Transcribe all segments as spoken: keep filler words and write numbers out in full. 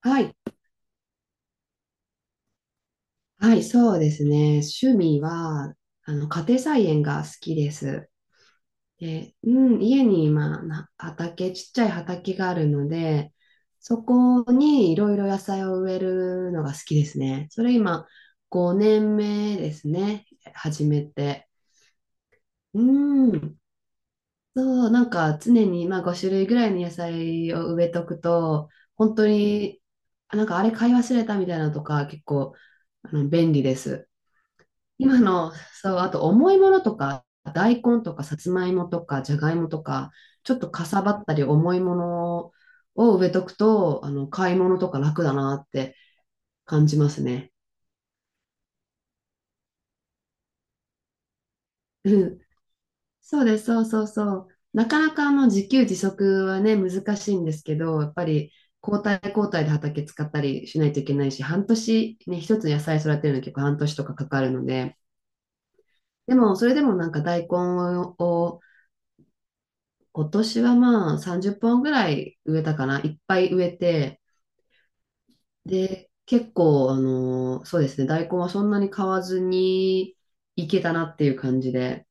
はい。はい、そうですね。趣味は、あの、家庭菜園が好きです。で、うん、家に、まあ、な畑、ちっちゃい畑があるので、そこにいろいろ野菜を植えるのが好きですね。それ今、ごねんめですね。始めて。うん。そう、なんか常に、まあ、ご種類ぐらいの野菜を植えとくと、本当に、なんかあれ買い忘れたみたいなのとか、結構、あの、便利です。今の、そう、あと重いものとか、大根とかさつまいもとかじゃがいもとか、ちょっとかさばったり重いものを植えとくと、あの、買い物とか楽だなって感じますね。うんそうです、そうそうそう。なかなかあの自給自足はね、難しいんですけど、やっぱり交代交代で畑使ったりしないといけないし、半年ね、一つ野菜育てるのに結構半年とかかかるので、でもそれでもなんか大根を今年はまあさんじゅっぽんぐらい植えたかな。いっぱい植えて、で、結構、あのーそうですね、大根はそんなに買わずにいけたなっていう感じで、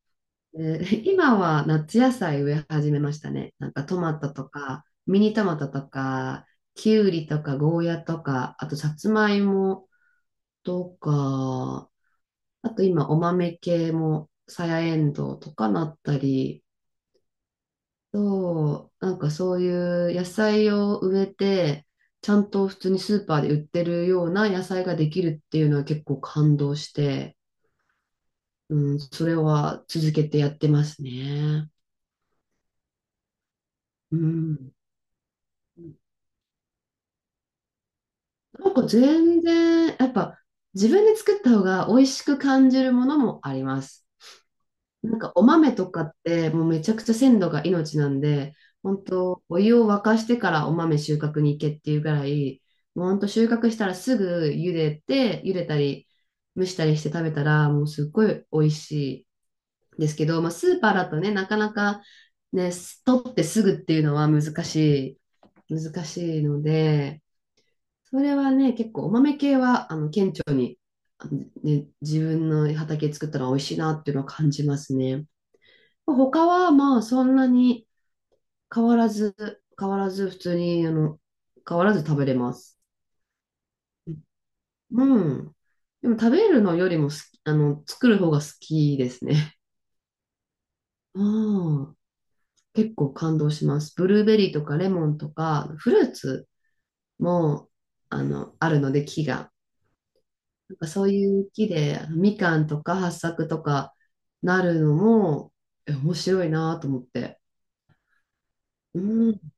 で 今は夏野菜植え始めましたね。なんかトマトとか、ミニトマトとか、キュウリとか、ゴーヤとか、あとさつまいもとか、あと今お豆系も、さやえんどうとかなったり、そう、なんかそういう野菜を植えて、ちゃんと普通にスーパーで売ってるような野菜ができるっていうのは結構感動して、うん、それは続けてやってますね。うん。なんか全然、やっぱ自分で作った方が美味しく感じるものもあります。なんかお豆とかってもうめちゃくちゃ鮮度が命なんで、本当お湯を沸かしてからお豆収穫に行けっていうぐらい、もう本当収穫したらすぐ茹でて、茹でたり蒸したりして食べたらもうすっごい美味しいですけど、まあ、スーパーだとね、なかなかね、取ってすぐっていうのは難しい、難しいので、それはね、結構お豆系は、あの、顕著、ね、自分の畑作ったら美味しいなっていうのは感じますね。他はまあそんなに変わらず、変わらず普通に、あの、変わらず食べれます。うん。でも食べるのよりも好き、あの、作る方が好きですね。うん。結構感動します。ブルーベリーとかレモンとか、フルーツも、あの、あるので木が。なんかそういう木で、あのみかんとか八朔とかなるのも、え面白いなと思って。うん。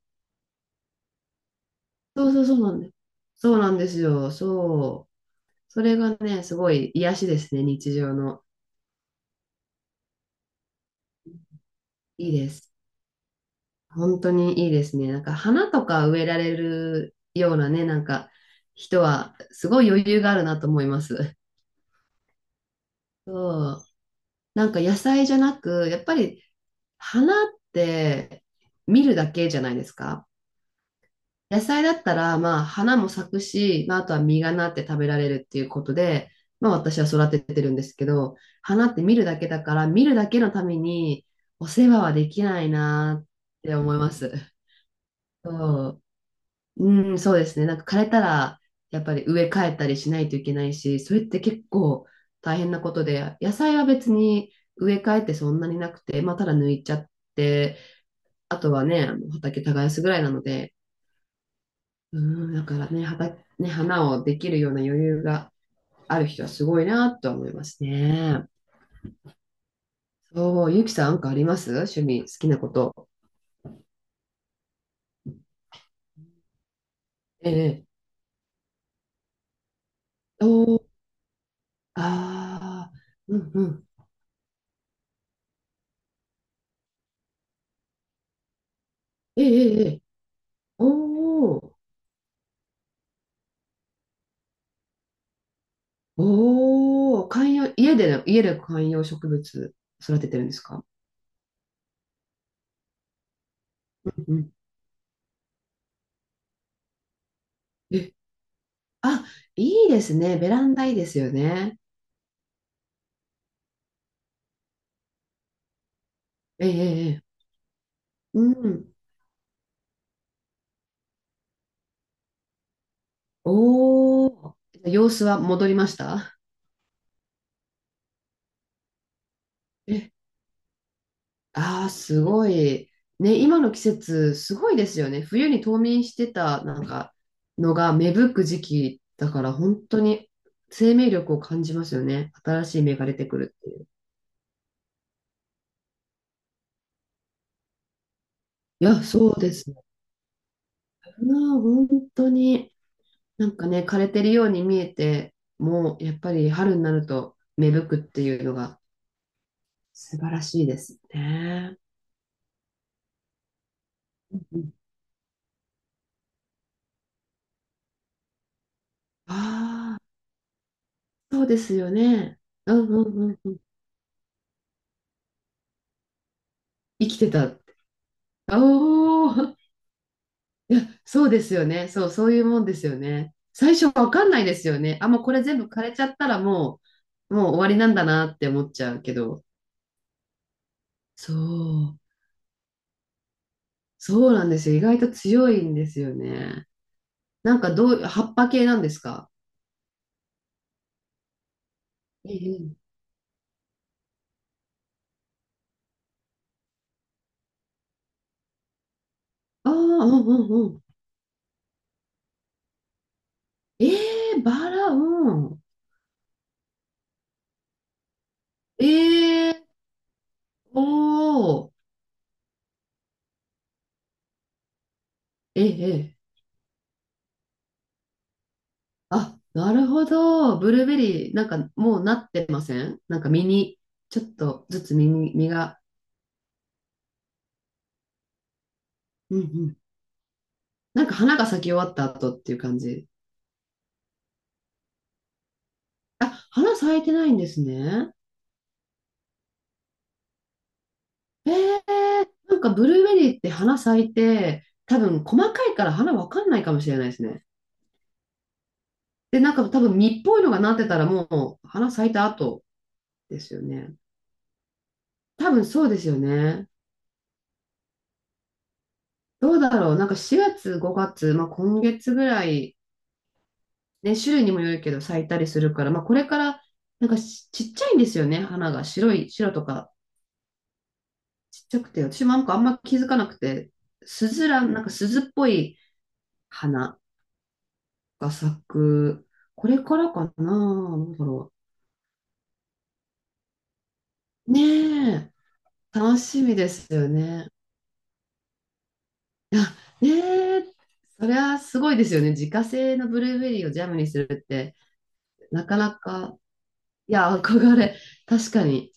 そうそうそうなんです。そうなんですよ。そう。それがね、すごい癒しですね、日常の。いいです。本当にいいですね。なんか花とか植えられるようなね、なんか人はすごい余裕があるなと思います。そう。なんか野菜じゃなく、やっぱり花って見るだけじゃないですか。野菜だったら、まあ、花も咲くし、まあ、あとは実がなって食べられるっていうことで、まあ、私は育ててるんですけど、花って見るだけだから、見るだけのためにお世話はできないなって思います。そう、うん、そうですね。なんか枯れたら、やっぱり植え替えたりしないといけないし、それって結構大変なことで、野菜は別に植え替えってそんなになくて、まあ、ただ抜いちゃって、あとはね、あの畑耕すぐらいなので、うん、だからね、はた、ね、花をできるような余裕がある人はすごいなとは思いますね。そう、ゆきさん、なんかあります趣味、好きなこと？ええ。おー、ああ、うんうん。ええ、ええ、ええおー、おー、観葉、家で、家で観葉植物育ててるんですか？うんうん。え、あ、いいですね。ベランダいいですよね。ええ、ええ、ええうん。おー、様子は戻りました？ああ、すごい。ね、今の季節、すごいですよね。冬に冬眠してた、なんか、のが芽吹く時期だから、本当に生命力を感じますよね。新しい芽が出てくるっていう。いや、そうですね。まあ、本当に、なんかね、枯れてるように見えて、もう、やっぱり春になると芽吹くっていうのが素晴らしいですね。ああー、そうですよね。うんうんうんうん。生きてたって。おお。いや、そうですよね。そう、そういうもんですよね。最初わかんないですよね。あ、もうこれ全部枯れちゃったらもう、もう終わりなんだなって思っちゃうけど。そう。そうなんですよ。意外と強いんですよね。なんかどう、葉っぱ系なんですか？ええ。ああ、うんうん。うん。ええバラ、うん。ええおおええええあ、なるほど。ブルーベリー、なんかもうなってません？なんか実に、ちょっとずつ実に、実が。うんうんなんか花が咲き終わった後っていう感じ。あ、花咲いてないんですね。えー、なんかブルーベリーって花咲いて、多分細かいから花わかんないかもしれないですね。で、なんか多分実っぽいのがなってたらもう花咲いた後ですよね。多分そうですよね。どうだろう。なんかしがつ、ごがつ、まあ、今月ぐらい、ね、種類にもよるけど咲いたりするから、まあ、これからなんかしちっちゃいんですよね、花が。白い、白とかちっちゃくて、私もなんかあんま気づかなくて、スズラン、なんか鈴っぽい花が咲く、これからかな、どうだろう。ねえ、楽しみですよね。あ、ねえ、それはすごいですよね。自家製のブルーベリーをジャムにするって、なかなか、いや、憧れ、確かに。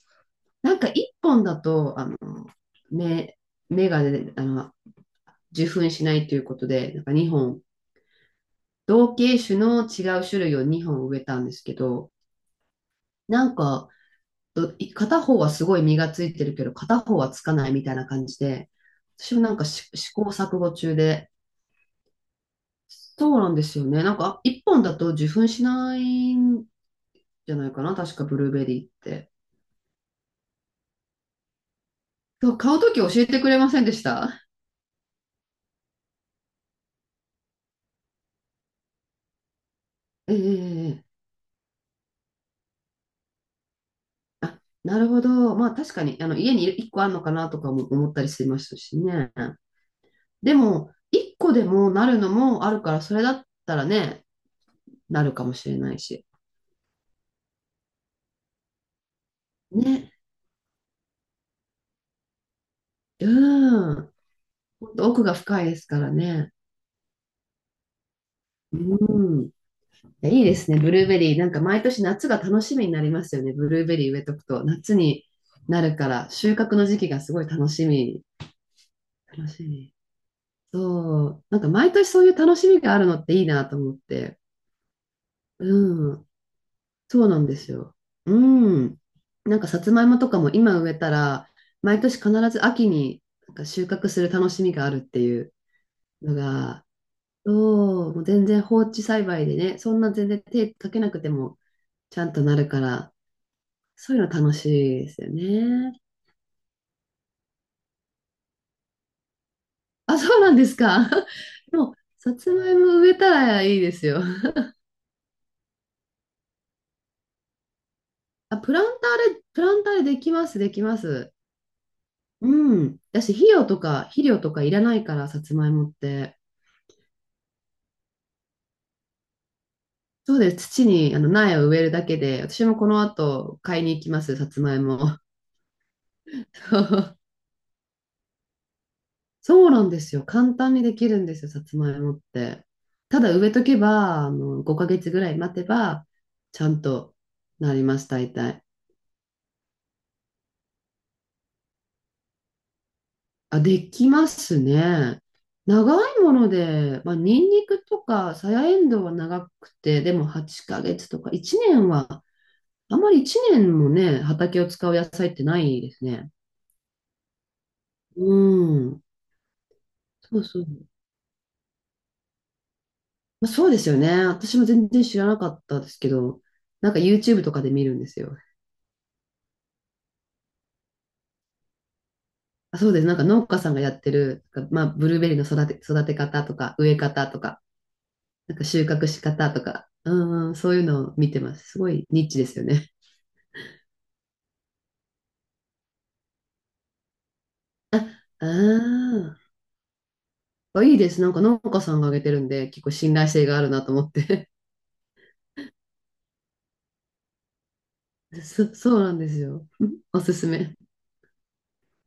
なんか一本だと、あの、目、目がね、あの、受粉しないということで、なんかにほん同系種の違う種類をにほん植えたんですけど、なんか、ど片方はすごい実がついてるけど、片方はつかないみたいな感じで、私もなんかし試行錯誤中で、そうなんですよね。なんか、いっぽんだと受粉しないんじゃないかな、確かブルーベリーって。そう、買うとき教えてくれませんでした？ええええええあ、なるほど。まあ確かに、あの、家にいっこあるのかなとかも思ったりしましたしね。でも、いっこでもなるのもあるから、それだったらね、なるかもしれないし。ね。うん。ほんと奥が深いですからね。うん。いいですね、ブルーベリー。なんか毎年夏が楽しみになりますよね。ブルーベリー植えとくと。夏になるから、収穫の時期がすごい楽しみ。楽しみ。そう。なんか毎年そういう楽しみがあるのっていいなと思って。うん。そうなんですよ。うん。なんかさつまいもとかも今植えたら、毎年必ず秋になんか収穫する楽しみがあるっていうのが、そう、もう全然放置栽培でね、そんな全然手かけなくてもちゃんとなるから、そういうの楽しいですよね。あ、そうなんですか。でもう、さつまいも植えたらいいですよ。あ、プランターで、プランターでできます、できます。うん。だし、肥料とか、肥料とかいらないから、さつまいもって。そうです。土にあの苗を植えるだけで、私もこの後買いに行きます、さつまいも。そうなんですよ。簡単にできるんですよ、さつまいもって。ただ植えとけば、あの、ごかげつぐらい待てば、ちゃんとなります、大体。あ、できますね。長いもので、まあ、ニンニクとか、さやえんどうは長くて、でもはちかげつとか、いちねんは、あまりいちねんもね、畑を使う野菜ってないですね。うん。そうそう。まあ、そうですよね。私も全然知らなかったですけど、なんか ユーチューブ とかで見るんですよ。あそうです。なんか農家さんがやってる、なんかまあ、ブルーベリーの育て、育て方とか、植え方とか、なんか収穫し方とか、うん、そういうのを見てます。すごいニッチですよね。ああ、いいです。なんか農家さんがあげてるんで、結構信頼性があるなと思って。そ、そうなんですよ。おすすめ。